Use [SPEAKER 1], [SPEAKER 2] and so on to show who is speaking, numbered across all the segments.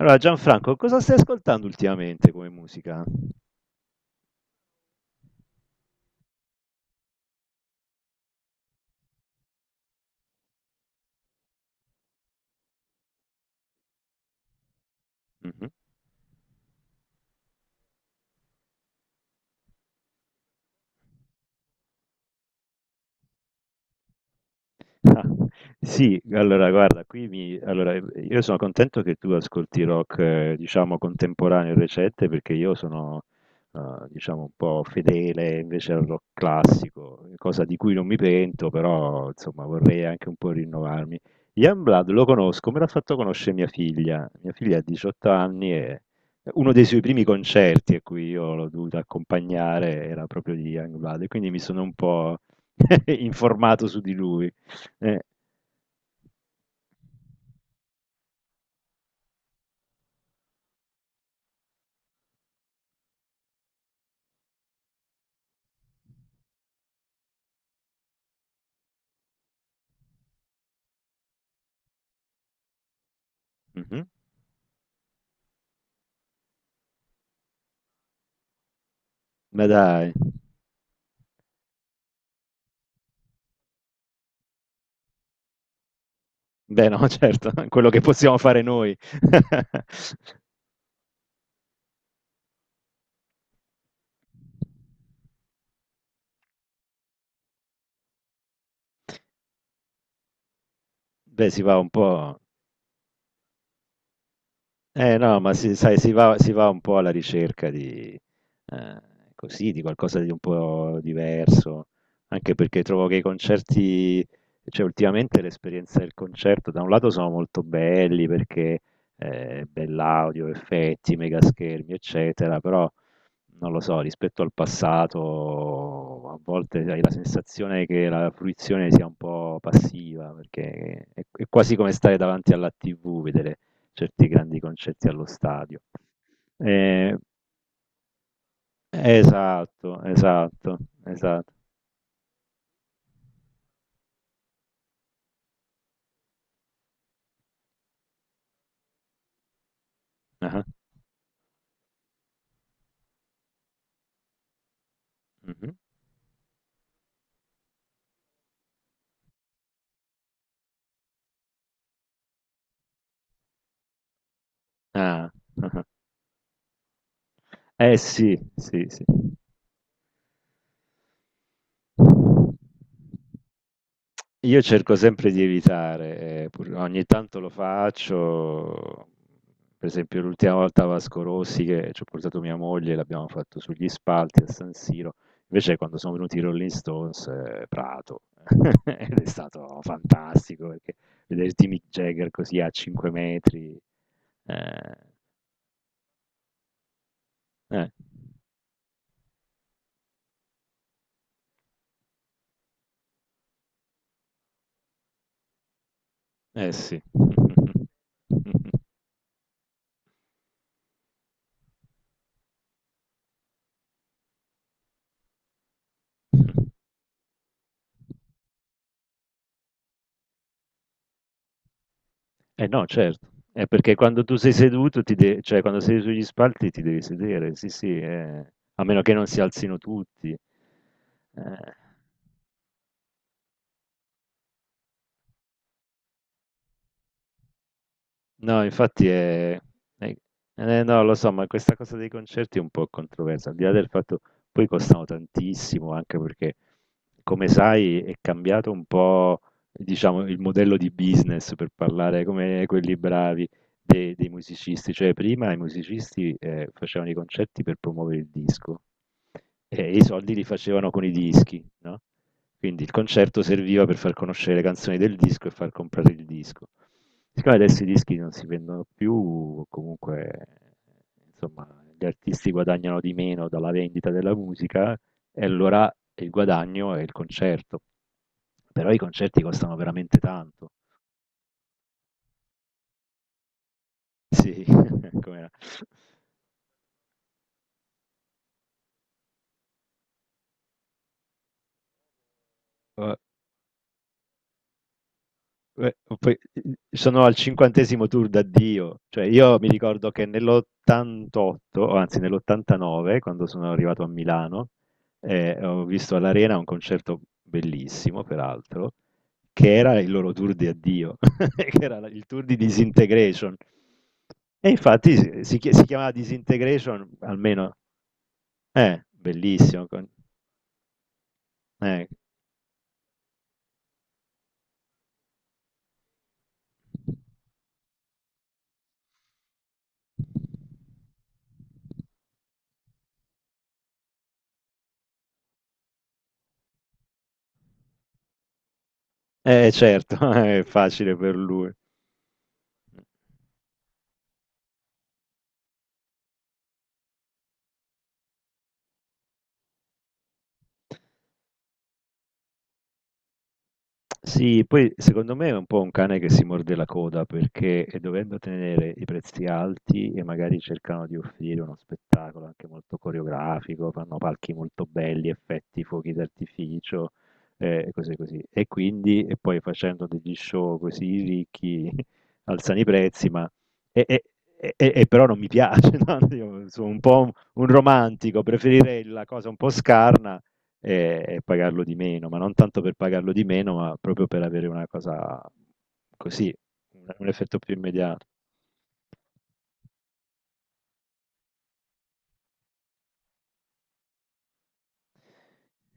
[SPEAKER 1] Allora, Gianfranco, cosa stai ascoltando ultimamente come musica? Mhm. Ah, sì, allora guarda, allora, io sono contento che tu ascolti rock, diciamo, contemporaneo e recente, perché io sono, eh, diciamo, un po' fedele invece al rock classico, cosa di cui non mi pento, però, insomma, vorrei anche un po' rinnovarmi. Youngblood lo conosco, me l'ha fatto conoscere mia figlia. Mia figlia ha 18 anni e uno dei suoi primi concerti a cui io l'ho dovuto accompagnare era proprio di Youngblood, e quindi mi sono un po' informato su di lui. Eh. Mh-mh. Ma dai. Beh, no, certo, quello che possiamo fare noi. Beh, si va un po'. No, ma si sai, si va un po' alla ricerca di ehm, così, di qualcosa di un po' diverso, anche perché trovo che i concerti, cioè ultimamente l'esperienza del concerto, da un lato sono molto belli perché, bell'audio, effetti, mega schermi, eccetera, però non lo so, rispetto al passato a volte hai la sensazione che la fruizione sia un po' passiva, perché è quasi come stare davanti alla TV, vedere certi grandi concerti allo stadio. Eh, esatto, esatto, esatto. Ah, mhm. Ah, ah. Eh sì, sì, sì. Io cerco sempre di evitare, pur ogni tanto lo faccio. Per esempio l'ultima volta a Vasco Rossi, che c'ho portato mia moglie, l'abbiamo fatto sugli spalti a San Siro, invece quando sono venuti i Rolling Stones, Prato. Ed è stato fantastico perché vederti Mick Jagger così a 5 metri. ehm eh, eh sì. Eh no, certo. È perché quando tu sei seduto, cioè quando sei sugli spalti ti devi sedere, sì, sì, eh. A meno che non si alzino tutti. Eh. No, infatti è- no, lo so, ma questa cosa dei concerti è un po' controversa, al di là del fatto poi costano tantissimo, anche perché, come sai, è cambiato un po', diciamo, il modello di business, per parlare come quelli bravi, dei musicisti. Cioè, prima i musicisti facevano i concerti per promuovere il disco e i soldi li facevano con i dischi, no? Quindi il concerto serviva per far conoscere le canzoni del disco e far comprare il disco. Siccome adesso i dischi non si vendono più, comunque, insomma, gli artisti guadagnano di meno dalla vendita della musica e allora il guadagno è il concerto. Però i concerti costano veramente tanto. Sì, com'era? Eh, Beh, poi, sono al 50° tour d'addio. Cioè io mi ricordo che nell'88, o anzi nell'89, quando sono arrivato a Milano, ho visto all'Arena un concerto bellissimo peraltro, che era il loro tour di addio, che era la il tour di Disintegration. E infatti si chiamava Disintegration, almeno. Bellissimo con. eh, eh certo, è facile per lui. Mh. Sì, poi secondo me è un po' un cane che si morde la coda perché dovendo tenere i prezzi alti e magari cercano di offrire uno spettacolo anche molto coreografico, fanno palchi molto belli, effetti, fuochi d'artificio e cose così. E quindi, e poi facendo degli show così ricchi, alzano i prezzi, ma e, e- e però non mi piace, no? Io sono un po' un romantico, preferirei la cosa un po' scarna e pagarlo di meno, ma non tanto per pagarlo di meno, ma proprio per avere una cosa così, un effetto più immediato.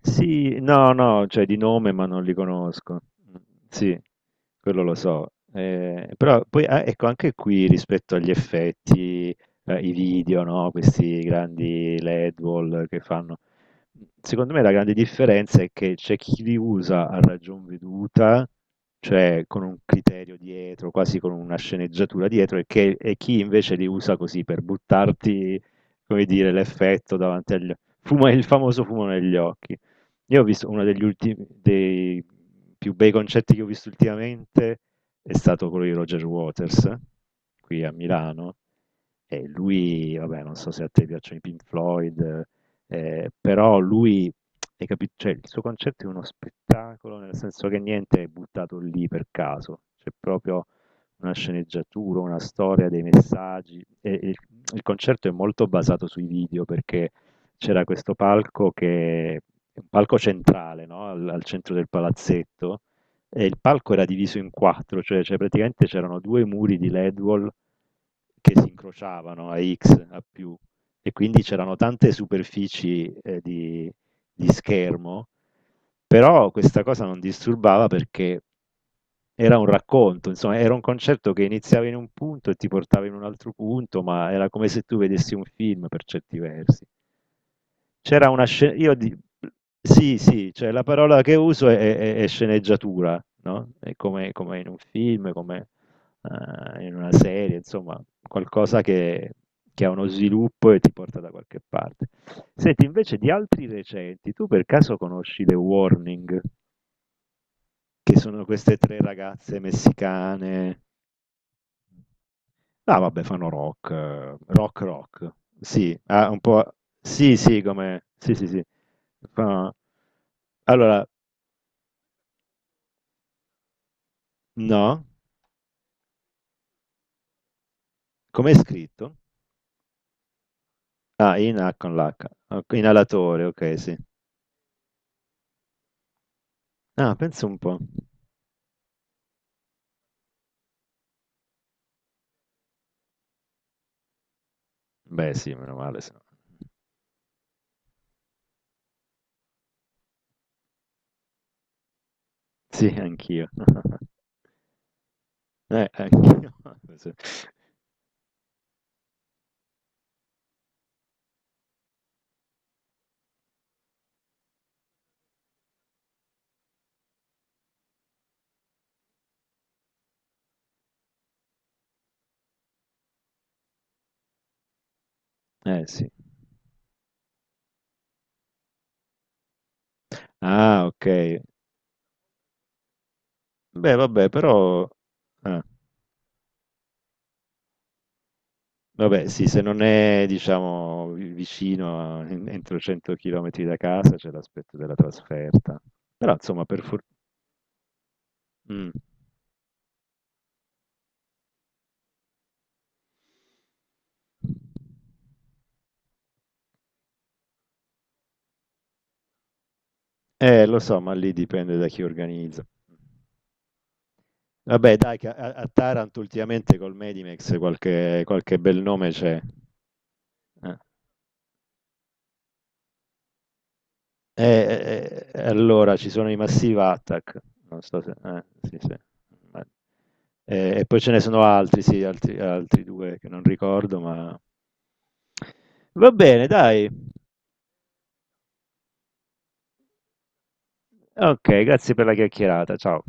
[SPEAKER 1] Sì, no, no, cioè di nome, ma non li conosco. Mm, sì, quello lo so. Però poi, ah, ecco, anche qui rispetto agli effetti, i video, no? Questi grandi LED wall che fanno. Secondo me la grande differenza è che c'è chi li usa a ragion veduta, cioè con un criterio dietro, quasi con una sceneggiatura dietro, e chi invece li usa così per buttarti, come dire, l'effetto davanti agli occhi. Il famoso fumo negli occhi. Io ho visto uno degli ultimi, dei più bei concetti che ho visto ultimamente, è stato quello di Roger Waters, qui a Milano. E lui, vabbè, non so se a te piacciono i Pink Floyd, però lui, hai capito, cioè, il suo concetto è uno spettacolo, nel senso che niente è buttato lì per caso, c'è proprio una sceneggiatura, una storia, dei messaggi. E il concerto è molto basato sui video, perché c'era questo palco che è un palco centrale, no? Al centro del palazzetto, e il palco era diviso in quattro, cioè praticamente c'erano due muri di LED wall che si incrociavano a X, a più, e quindi c'erano tante superfici di schermo, però questa cosa non disturbava perché era un racconto, insomma, era un concetto che iniziava in un punto e ti portava in un altro punto, ma era come se tu vedessi un film per certi versi. C'era una scena, sì, sì, cioè la parola che uso è sceneggiatura, no? È come, come in un film, come in una serie, insomma, qualcosa che ha uno sviluppo e ti porta da qualche parte. Senti, invece di altri recenti, tu per caso conosci The Warning, che sono queste tre ragazze messicane? Ah, vabbè, fanno rock, rock rock. Sì, ah, un po'. Sì, sì, come. Sì, sì, sì. Fa- Allora, no? Com'è scritto? Ah, in H con l'H. Ok, Inalatore, ok, sì. Ah, penso un po'. Beh, sì, meno male, se no. Sì, anch'io. Anch'io. Sì. Sì. Ah, ok. Beh, vabbè, però... ah, vabbè, sì, se non è, diciamo, vicino, entro 100 km da casa, c'è l'aspetto della trasferta. Però, insomma, per fortuna... lo so, ma lì dipende da chi organizza. Vabbè, dai, che a Taranto ultimamente, col Medimex, qualche bel nome c'è. Eh, allora ci sono i Massive Attack, non so se... sì, sì. Ma- e poi ce ne sono altri, sì, altri due che non ricordo, ma... Va bene, dai. Ok, grazie per la chiacchierata. Ciao.